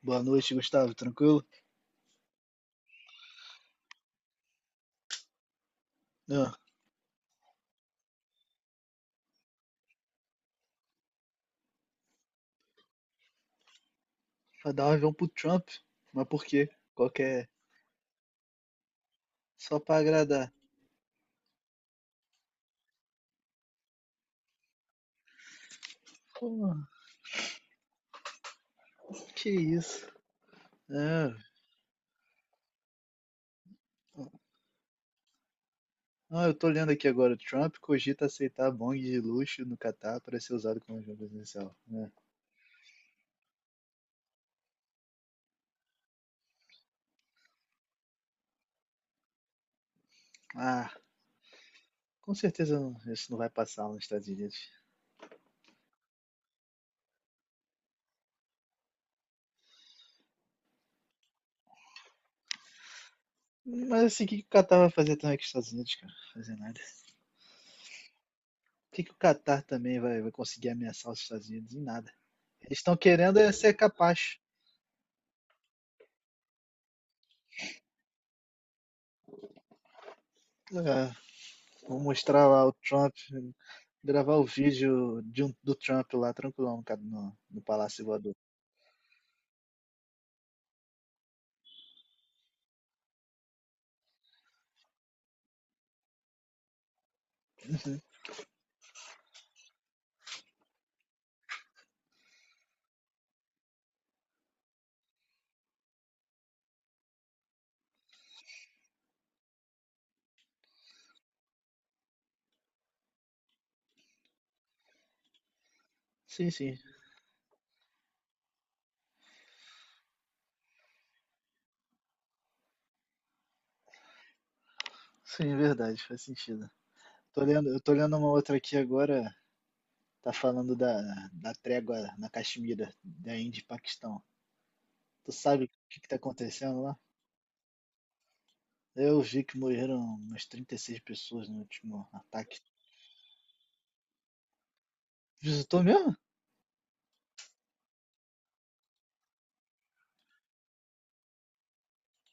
Boa noite, Gustavo. Tranquilo? Não, vai dar um avião pro Trump. Mas por quê? Qualquer. Só pra agradar. Pô, que isso? Ah, ah, eu tô lendo aqui agora. Trump cogita aceitar bong de luxo no Catar para ser usado como avião presidencial, né? Ah, com certeza isso não vai passar lá nos Estados Unidos. Mas assim, o que o Catar vai fazer também com os Estados Unidos, cara? Fazer nada. O que o Catar também vai conseguir ameaçar os Estados Unidos? Em nada. Eles estão querendo é ser capaz. Ah, vou mostrar lá o Trump, gravar o vídeo do Trump lá, tranquilão, cara, no Palácio Voador. Sim, sim. Sim, verdade, faz sentido. Eu tô lendo uma outra aqui agora, tá falando da trégua na Caxemira, da Índia e Paquistão. Tu sabe o que que tá acontecendo lá? Eu vi que morreram umas 36 pessoas no último ataque. Visitou mesmo?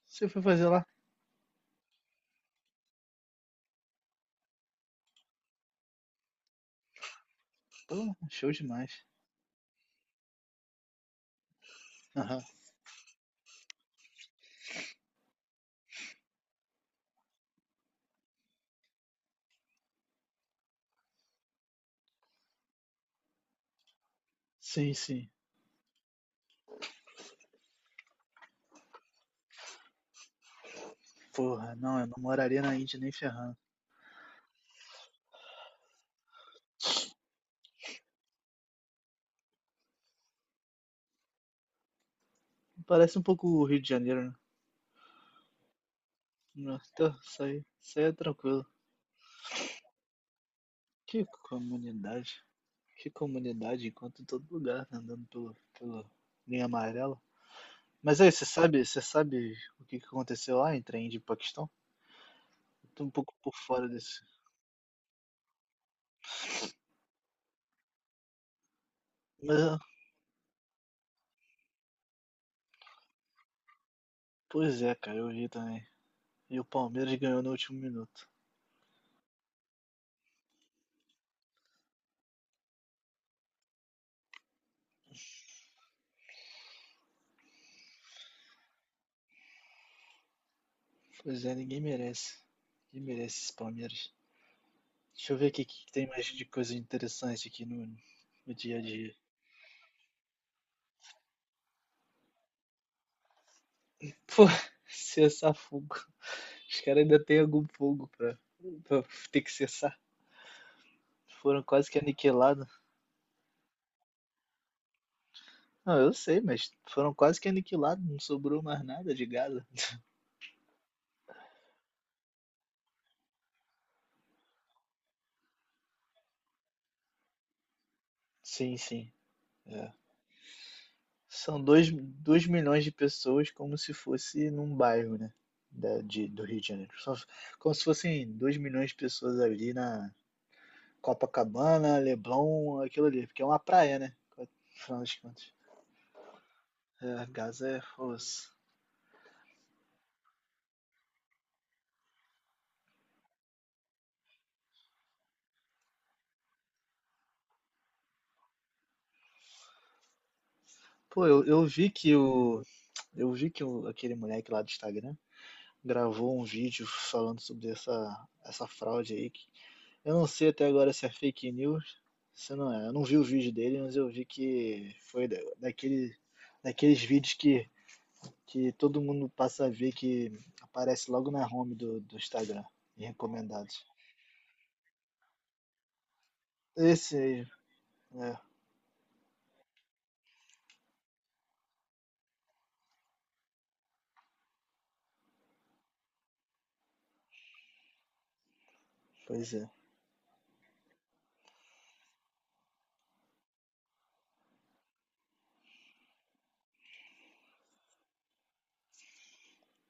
Você foi fazer lá? Pô, show demais. Aham. Sim, sim. Porra, não, eu não moraria na Índia nem ferrando. Parece um pouco o Rio de Janeiro, né? Nossa, tá, isso aí é tranquilo. Que comunidade. Que comunidade enquanto em todo lugar, né? Andando pelo, pela linha amarela. Mas aí, você sabe o que que aconteceu lá entre a Índia e o Paquistão? Eu tô um pouco por fora desse. Mas, ah, pois é, cara, eu vi também. E o Palmeiras ganhou no último minuto. Pois é, ninguém merece. Ninguém merece esse Palmeiras. Deixa eu ver aqui o que que tem mais de coisa interessante aqui no, dia a dia. Pô, cessar fogo. Os caras ainda têm algum fogo pra ter que cessar. Foram quase que aniquilados. Não, eu sei, mas foram quase que aniquilados. Não sobrou mais nada de Gaza. Sim, sim. É. São 2 dois milhões de pessoas, como se fosse num bairro, né? Da, de, do Rio de Janeiro. Só, como se fossem 2 milhões de pessoas ali na Copacabana, Leblon, aquilo ali. Porque é uma praia, né? Afinal das contas. É, Gaza é... pô. Pô, eu vi que o. Eu vi que aquele moleque lá do Instagram gravou um vídeo falando sobre essa fraude aí. Que eu não sei até agora se é fake news, se não é. Eu não vi o vídeo dele, mas eu vi que foi daqueles vídeos que todo mundo passa a ver que aparece logo na home do Instagram, em recomendados. Esse aí, é, pois é.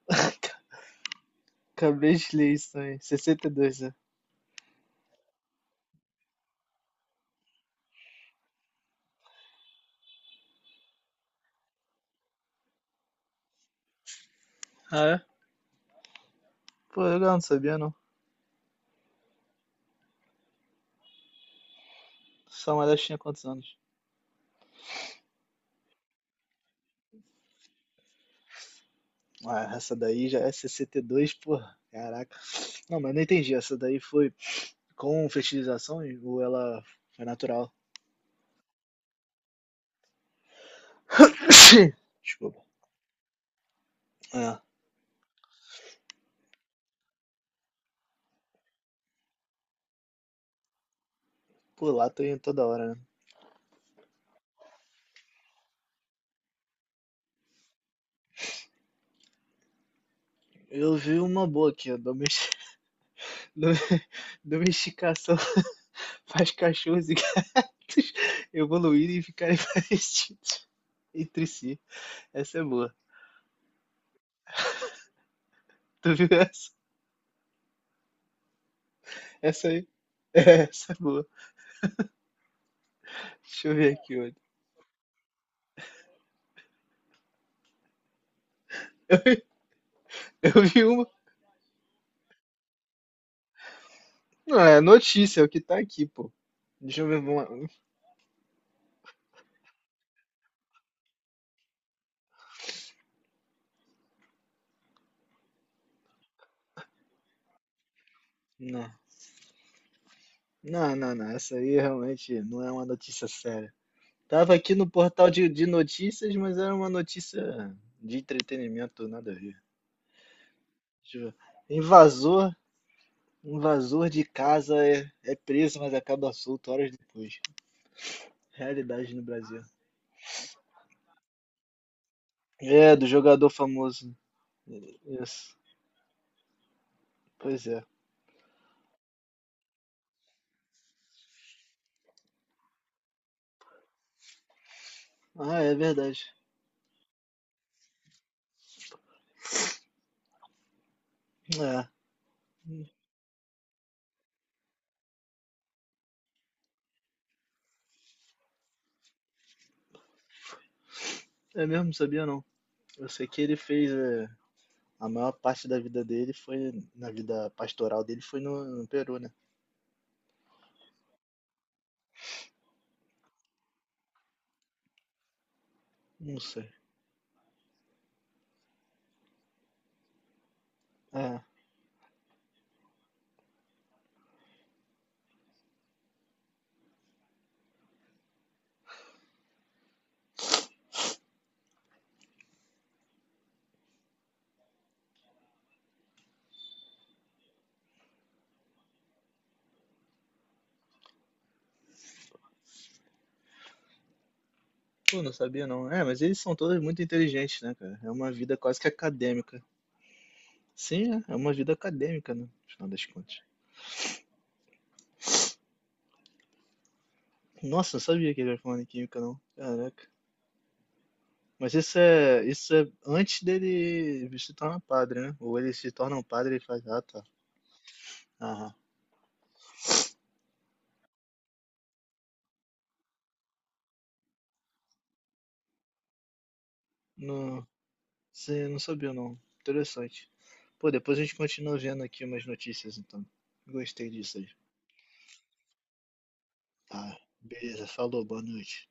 Acabei de ler isso aí, 62, né? Ah, é? Pô, legal, não sabia não. São elas tinha quantos anos? Ah, essa daí já é cct dois porra. Caraca. Não, mas eu não entendi. Essa daí foi com fertilização ou ela foi natural? Desculpa. É. Pô, lá tô indo toda hora, né? Eu vi uma boa aqui, ó. Dom- domesticação faz cachorros e gatos evoluírem e ficarem parecidos entre si. Essa é boa. Tu viu essa? Essa aí? É, essa é boa. Deixa eu ver aqui outra. Eu vi uma. Não, é notícia, é o que tá aqui, pô. Deixa eu ver uma. Não, não, não, não. Essa aí realmente não é uma notícia séria. Tava aqui no portal de notícias, mas era uma notícia de entretenimento, nada a ver. Deixa eu ver. Invasor, invasor de casa é preso, mas acaba solto horas depois. Realidade no Brasil. É, do jogador famoso. Isso. Pois é. Ah, é verdade. É. É mesmo, sabia não. Eu sei que ele fez. É, a maior parte da vida dele foi, na vida pastoral dele, foi no, no Peru, né? Não sei. Ah, pô, não sabia não. É, mas eles são todos muito inteligentes, né, cara? É uma vida quase que acadêmica. Sim, é, é uma vida acadêmica, né? No final das contas. Nossa, não sabia que ele era formado em química, não. Caraca. Mas isso é antes dele se tornar padre, né? Ou ele se torna um padre e faz. Ah, tá. Aham. Não, sim, não sabia não. Interessante. Pô, depois a gente continua vendo aqui umas notícias, então. Gostei disso aí. Tá, beleza, falou, boa noite.